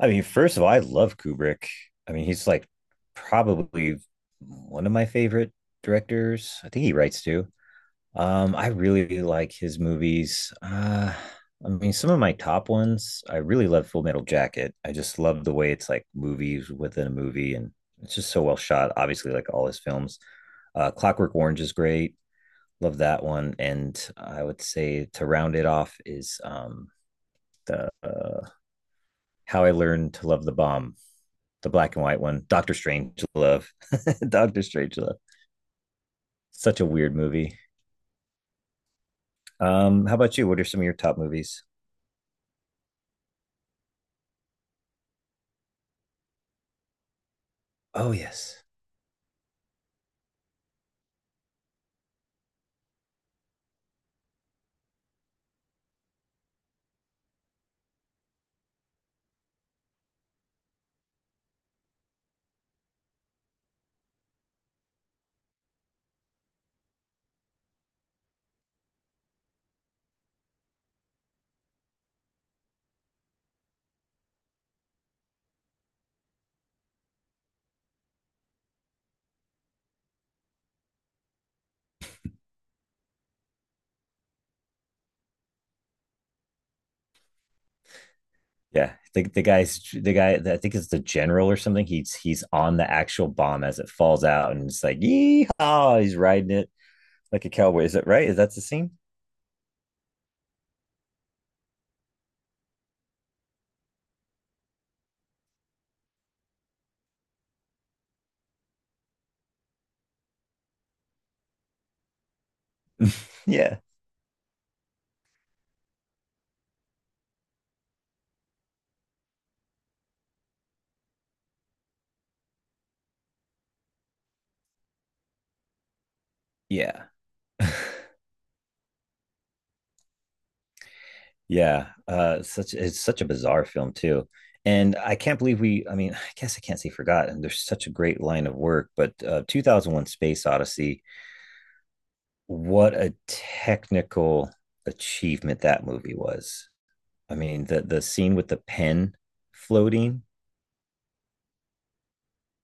I mean, first of all, I love Kubrick. I mean, he's like probably one of my favorite directors. I think he writes too. I really like his movies. I mean, some of my top ones, I really love Full Metal Jacket. I just love the way it's like movies within a movie, and it's just so well shot. Obviously, like all his films, Clockwork Orange is great. Love that one. And I would say to round it off is the How I Learned to Love the Bomb, the black and white one, Doctor Strange Love. Doctor Strange Love. Such a weird movie. How about you? What are some of your top movies? Oh yes. Yeah, the guy that I think is the general or something. He's on the actual bomb as it falls out, and it's like yeehaw! He's riding it like a cowboy. Is that right? Is that the scene? Yeah. Yeah. Yeah. Such it's such a bizarre film too, and I can't believe we. I mean, I guess I can't say forgot. And there's such a great line of work, but 2001: Space Odyssey, what a technical achievement that movie was. I mean, the scene with the pen floating,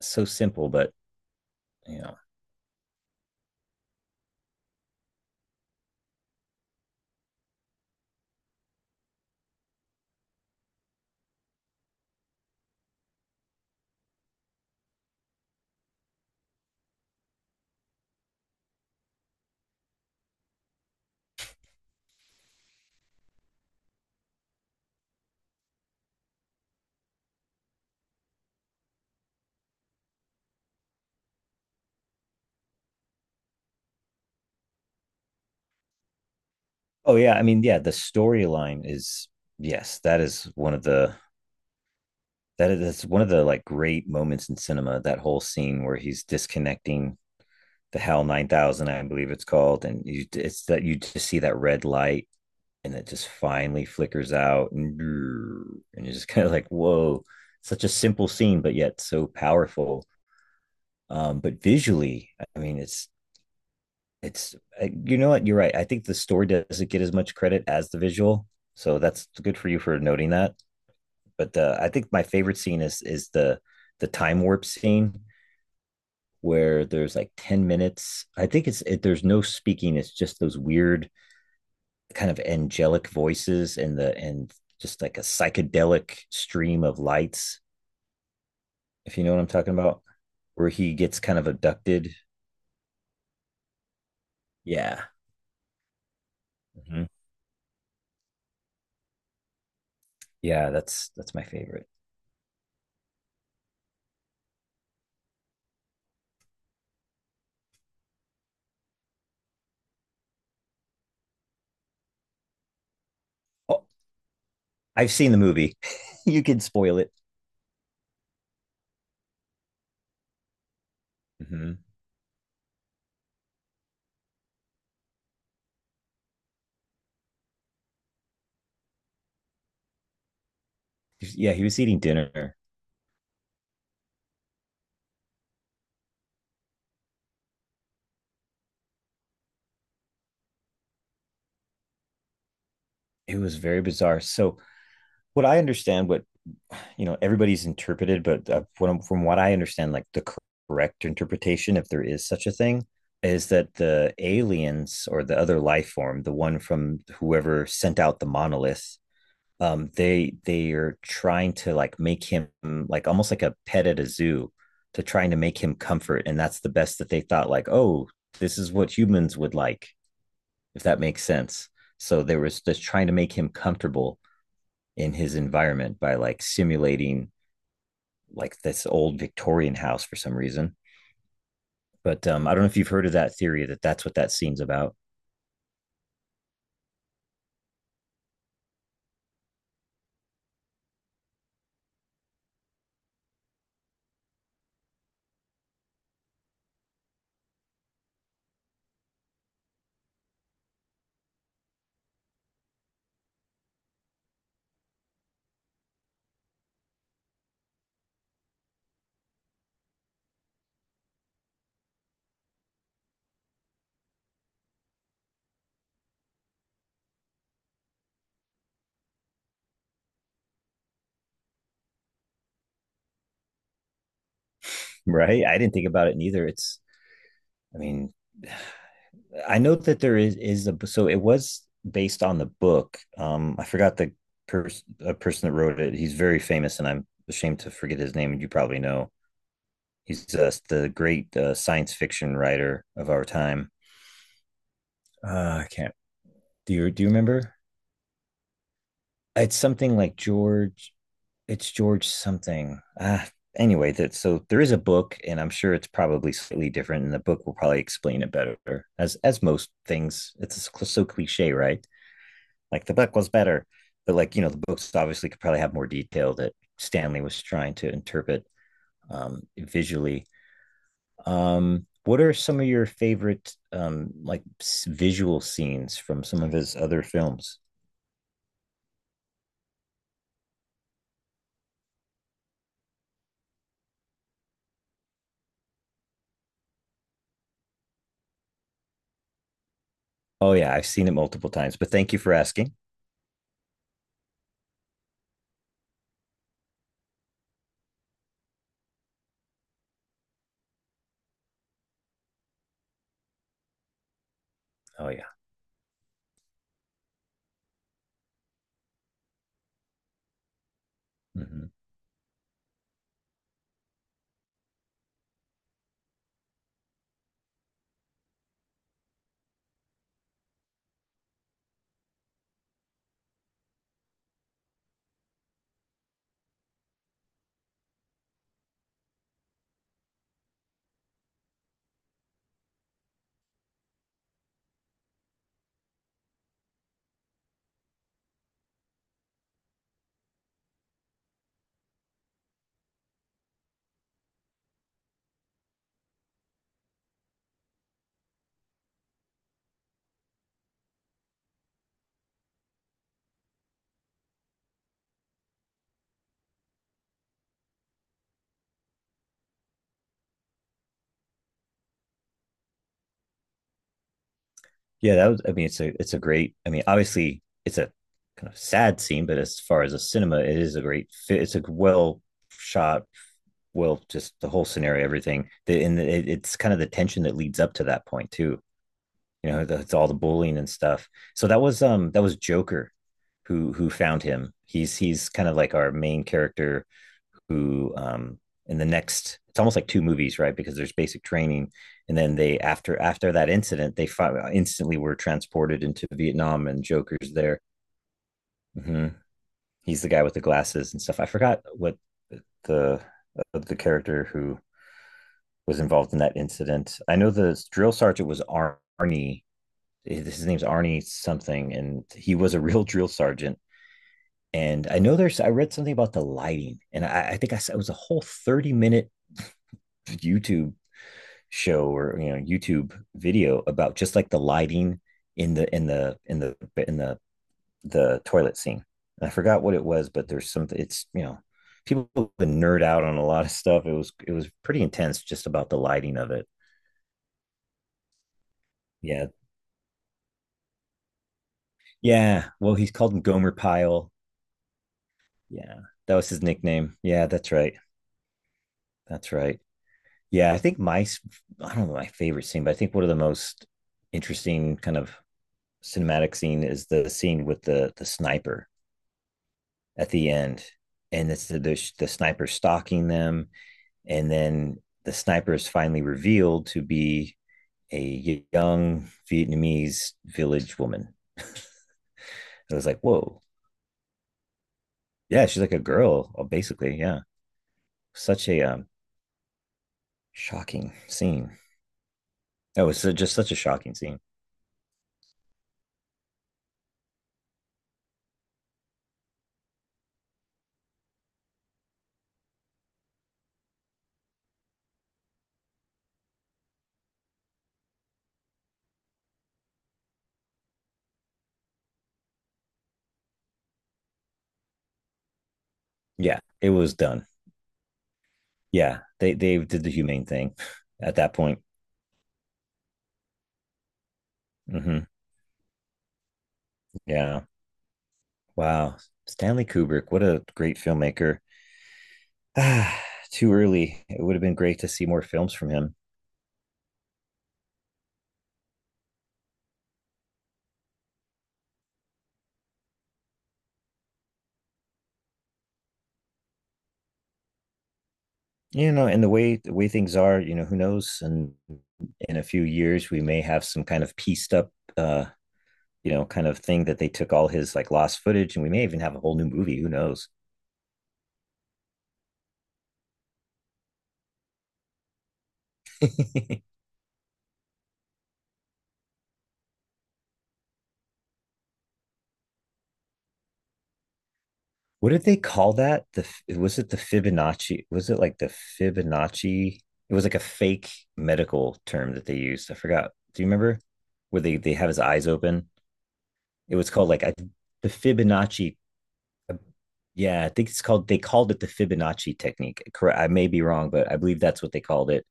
so simple, but you know. Oh yeah, I mean, yeah, the storyline is yes, that is one of the that is that's one of the like great moments in cinema, that whole scene where he's disconnecting the Hell 9000, I believe it's called. And you just see that red light and it just finally flickers out. And and you're just kind of like, whoa, such a simple scene, but yet so powerful. But visually, I mean, it's, you know what? You're right. I think the story doesn't get as much credit as the visual. So that's good for you for noting that. But I think my favorite scene is the time warp scene where there's like 10 minutes. I think it's it, There's no speaking, it's just those weird kind of angelic voices and the and just like a psychedelic stream of lights, if you know what I'm talking about, where he gets kind of abducted. Yeah. Mm-hmm. Yeah, that's my favorite. Oh, I've seen the movie. You can spoil it. Mm-hmm. Yeah, he was eating dinner. It was very bizarre. So what I understand, what you know everybody's interpreted but from what I understand, like the correct interpretation, if there is such a thing, is that the aliens or the other life form, the one from whoever sent out the monolith, they are trying to like make him like almost like a pet at a zoo, to trying to make him comfort, and that's the best that they thought, like, oh, this is what humans would like, if that makes sense. So they were just trying to make him comfortable in his environment by like simulating like this old Victorian house for some reason. But I don't know if you've heard of that theory, that that's what that scene's about. Right? I didn't think about it neither. I mean, I know that there is a so it was based on the book. I forgot the person that wrote it. He's very famous, and I'm ashamed to forget his name. And you probably know, he's the great science fiction writer of our time. I can't. Do you remember? It's something like George, it's George something. Ah, anyway, that so there is a book, and I'm sure it's probably slightly different, and the book will probably explain it better. As most things, it's so cliche, right? Like, the book was better, but like, you know, the books obviously could probably have more detail that Stanley was trying to interpret visually. What are some of your favorite like visual scenes from some of his other films? Oh yeah, I've seen it multiple times, but thank you for asking. Oh yeah. Mm-hmm. Yeah, that was. I mean, it's a great. I mean, obviously, it's a kind of sad scene, but as far as a cinema, it is a great fit. It's a well shot, well, just the whole scenario, everything. And it's kind of the tension that leads up to that point too, you know, that's all the bullying and stuff. So that was Joker, who found him. He's kind of like our main character who, in the next, it's almost like two movies, right, because there's basic training and then, they after after that incident, they instantly were transported into Vietnam, and Joker's there. Mm-hmm. He's the guy with the glasses and stuff. I forgot what the the character who was involved in that incident. I know the drill sergeant was Arnie, his name's Arnie something, and he was a real drill sergeant. And I know there's, I read something about the lighting, and I think I it was a whole 30-minute YouTube show, or you know, YouTube video, about just like the lighting in the in the in the in the toilet scene. And I forgot what it was, but there's something. It's, you know, people been nerd out on a lot of stuff. It was pretty intense just about the lighting of it. Yeah, yeah. Well, he's called him Gomer Pyle. Yeah, that was his nickname. Yeah, that's right. That's right. Yeah, I don't know my favorite scene, but I think one of the most interesting kind of cinematic scene is the scene with the sniper at the end, and it's the sniper stalking them, and then the sniper is finally revealed to be a young Vietnamese village woman. It was like, whoa, yeah, she's like a girl, basically. Yeah, such a shocking scene. That was just such a shocking scene. Yeah, it was done. Yeah, they did the humane thing at that point. Hmm. Yeah. Wow. Stanley Kubrick, what a great filmmaker. Ah, too early. It would have been great to see more films from him. You know, and the way things are, you know, who knows? And in a few years, we may have some kind of pieced up, you know, kind of thing that they took all his like lost footage, and we may even have a whole new movie. Who knows? What did they call that? The, was it the Fibonacci? Was it like the Fibonacci? It was like a fake medical term that they used. I forgot. Do you remember where they have his eyes open? It was called like a, the Fibonacci. uh, Yeah, I think it's called, they called it the Fibonacci technique. Correct. I may be wrong, but I believe that's what they called it.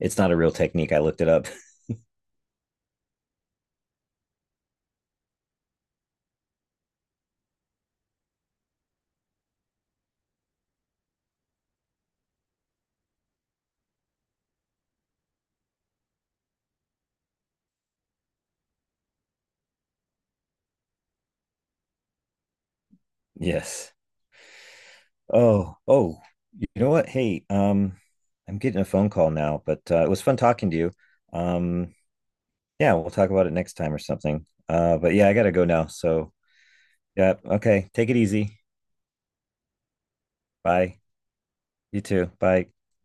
It's not a real technique. I looked it up. Yes. Oh, oh, you know what? Hey, I'm getting a phone call now, but it was fun talking to you. Um, yeah, we'll talk about it next time or something. But yeah, I gotta go now. So, yeah, okay. Take it easy. Bye. You too. Bye.